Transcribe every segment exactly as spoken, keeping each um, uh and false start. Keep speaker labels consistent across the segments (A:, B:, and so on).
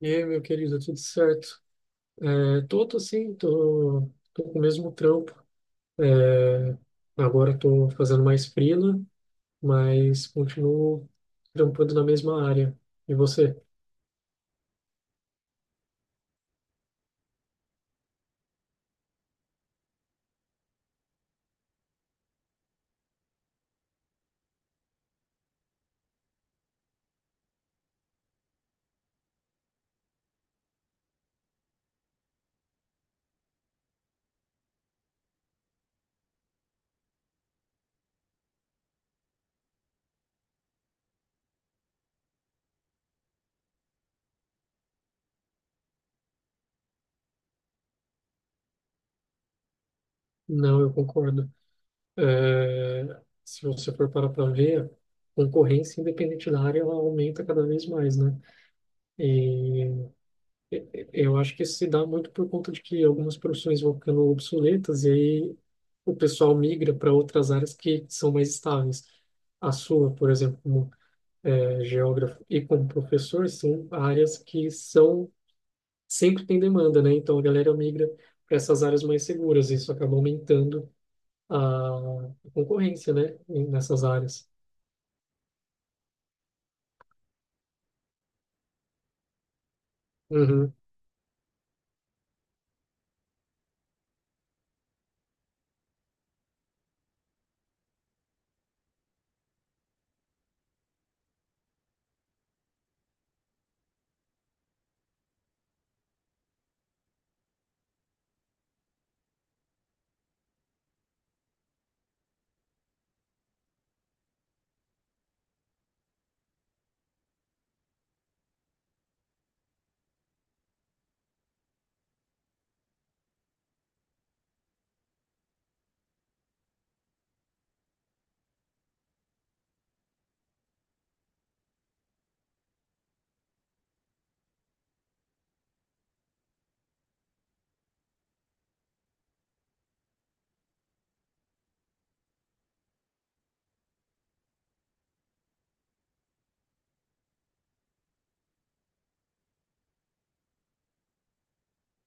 A: E aí, meu querido, tudo certo? É, tô, tô sim, tô, tô com o mesmo trampo. É, Agora tô fazendo mais freela, mas continuo trampando na mesma área. E você? Não, eu concordo. É, Se você for parar para ver, a concorrência, independente da área, ela aumenta cada vez mais, né? E Eu acho que isso se dá muito por conta de que algumas profissões vão ficando obsoletas e aí o pessoal migra para outras áreas que são mais estáveis. A sua, por exemplo, como eh, geógrafo e como professor, são áreas que são sempre tem demanda, né? Então a galera migra para essas áreas mais seguras e isso acaba aumentando a concorrência, né? em- Nessas áreas. Uhum,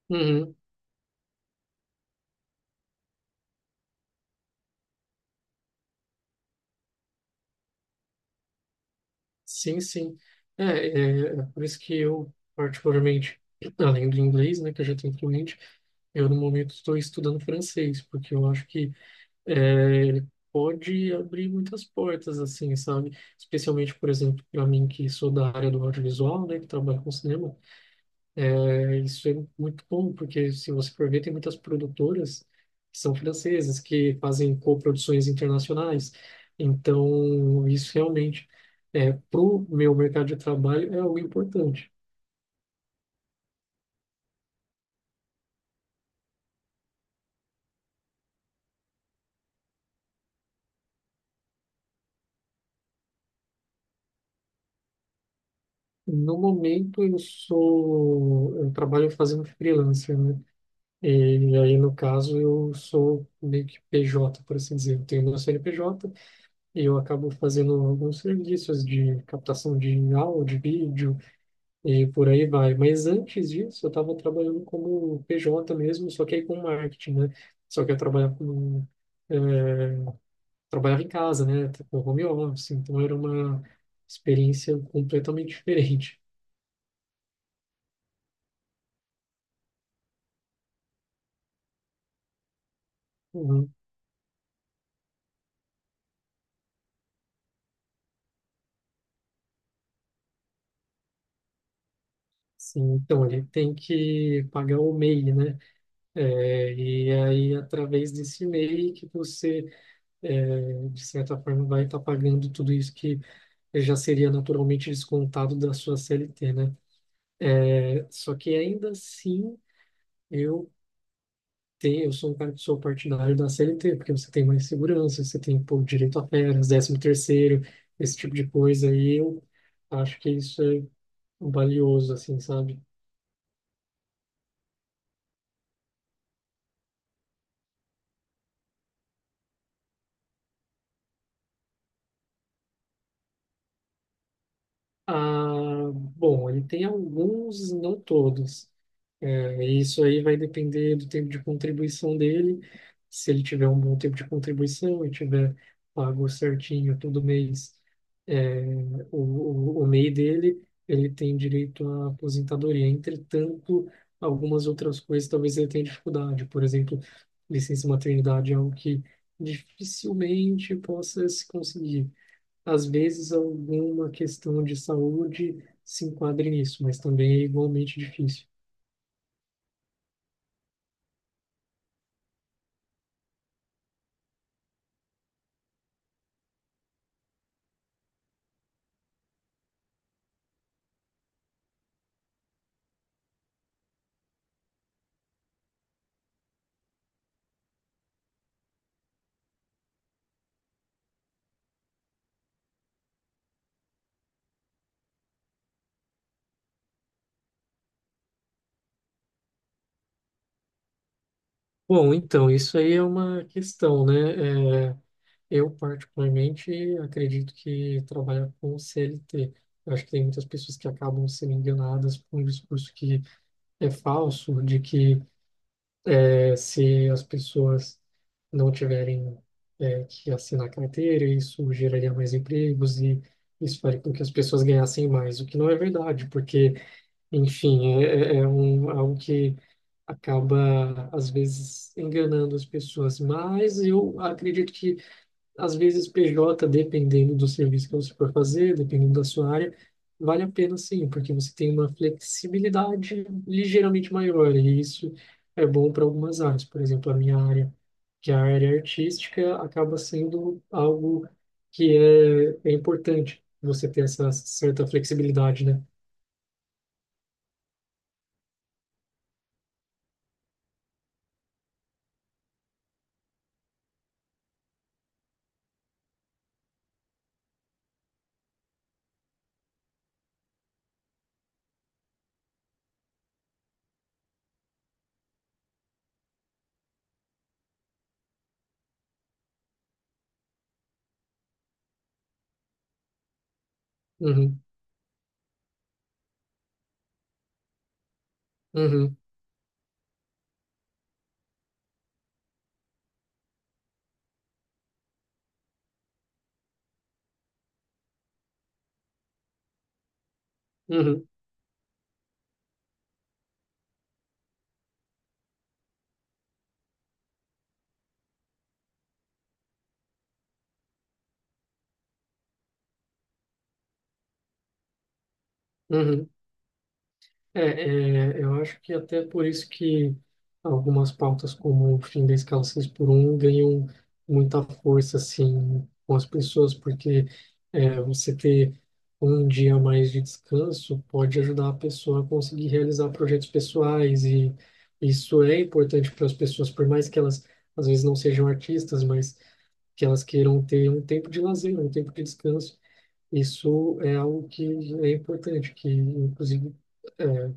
A: uhum. Sim, sim. É, é, é por isso que eu, particularmente, além do inglês, né, que eu já tenho fluente, eu no momento estou estudando francês, porque eu acho que é, ele pode abrir muitas portas, assim, sabe? Especialmente, por exemplo, para mim que sou da área do audiovisual, né, que trabalho com cinema, isso é muito bom, porque se você for ver, tem muitas produtoras que são francesas, que fazem coproduções internacionais. Então, isso realmente, é, para o meu mercado de trabalho, é algo importante. No momento, eu sou, eu trabalho fazendo freelancer, né? E aí, no caso, eu sou meio que P J, por assim dizer. Eu tenho meu CNPJ e eu acabo fazendo alguns serviços de captação de áudio, vídeo, e por aí vai. Mas antes disso, eu estava trabalhando como P J mesmo, só que aí com marketing, né? Só que eu trabalhava com, eh, trabalhava em casa, né? Com home office, então era uma experiência completamente diferente. Uhum. Sim, então ele tem que pagar o MEI, né? Eh, e aí, através desse MEI, que você, eh, de certa forma, vai estar pagando tudo isso que já seria naturalmente descontado da sua C L T, né? É, só que ainda assim, eu tenho, eu sou um cara que sou partidário da C L T, porque você tem mais segurança, você tem, pô, direito a férias, décimo terceiro, esse tipo de coisa, e eu acho que isso é valioso, assim, sabe? Ah, bom, ele tem alguns, não todos. É, isso aí vai depender do tempo de contribuição dele. Se ele tiver um bom tempo de contribuição e tiver pago certinho todo mês, é, o, o, o MEI dele, ele tem direito à aposentadoria. Entretanto, algumas outras coisas talvez ele tenha dificuldade. Por exemplo, licença maternidade é algo que dificilmente possa se conseguir, às vezes alguma questão de saúde se enquadra nisso, mas também é igualmente difícil. Bom, então, isso aí é uma questão, né? É, eu, particularmente, acredito que trabalhar com C L T. Eu acho que tem muitas pessoas que acabam sendo enganadas por um discurso que é falso, de que é, se as pessoas não tiverem, é, que assinar carteira, isso geraria mais empregos e isso faria com que as pessoas ganhassem mais, o que não é verdade, porque enfim, é, é é um, é algo que acaba, às vezes, enganando as pessoas. Mas eu acredito que, às vezes, P J, dependendo do serviço que você for fazer, dependendo da sua área, vale a pena sim, porque você tem uma flexibilidade ligeiramente maior. E isso é bom para algumas áreas. Por exemplo, a minha área, que é a área artística, acaba sendo algo que é, é importante você ter essa certa flexibilidade, né? Uhum, uhum, uhum. Uhum. É, é, eu acho que até por isso que algumas pautas como o fim da escala seis por um ganham muita força assim com as pessoas, porque é, você ter um dia a mais de descanso pode ajudar a pessoa a conseguir realizar projetos pessoais e isso é importante para as pessoas, por mais que elas às vezes não sejam artistas, mas que elas queiram ter um tempo de lazer, um tempo de descanso. Isso é algo que é importante, que inclusive é,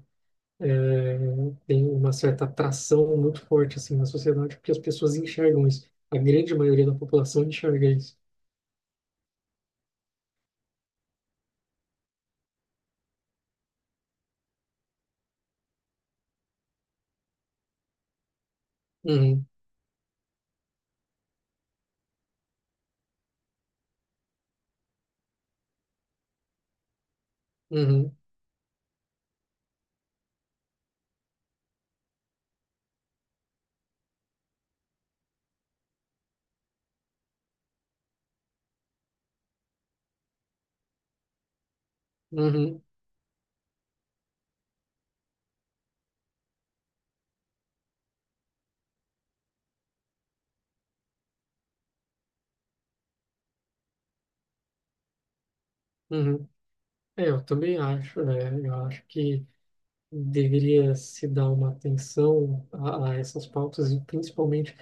A: é, tem uma certa atração muito forte assim na sociedade porque as pessoas enxergam isso. A grande maioria da população enxerga isso. Uhum, uhum, uhum, uhum. É, eu também acho, né? Eu acho que deveria se dar uma atenção a, a essas pautas e principalmente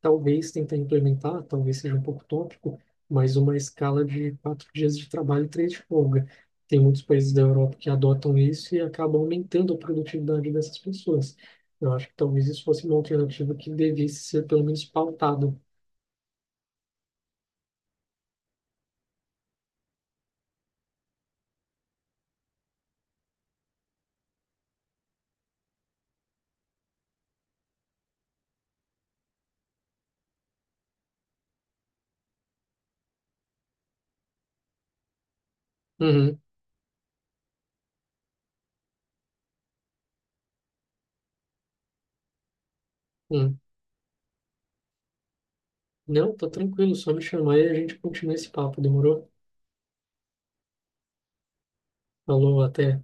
A: talvez tentar implementar, talvez seja um pouco tópico, mas uma escala de quatro dias de trabalho e três de folga. Tem muitos países da Europa que adotam isso e acabam aumentando a produtividade dessas pessoas. Eu acho que talvez isso fosse uma alternativa que devesse ser pelo menos pautado. Uhum, uhum. Não, tá tranquilo, só me chamar e a gente continua esse papo, demorou? Falou, até.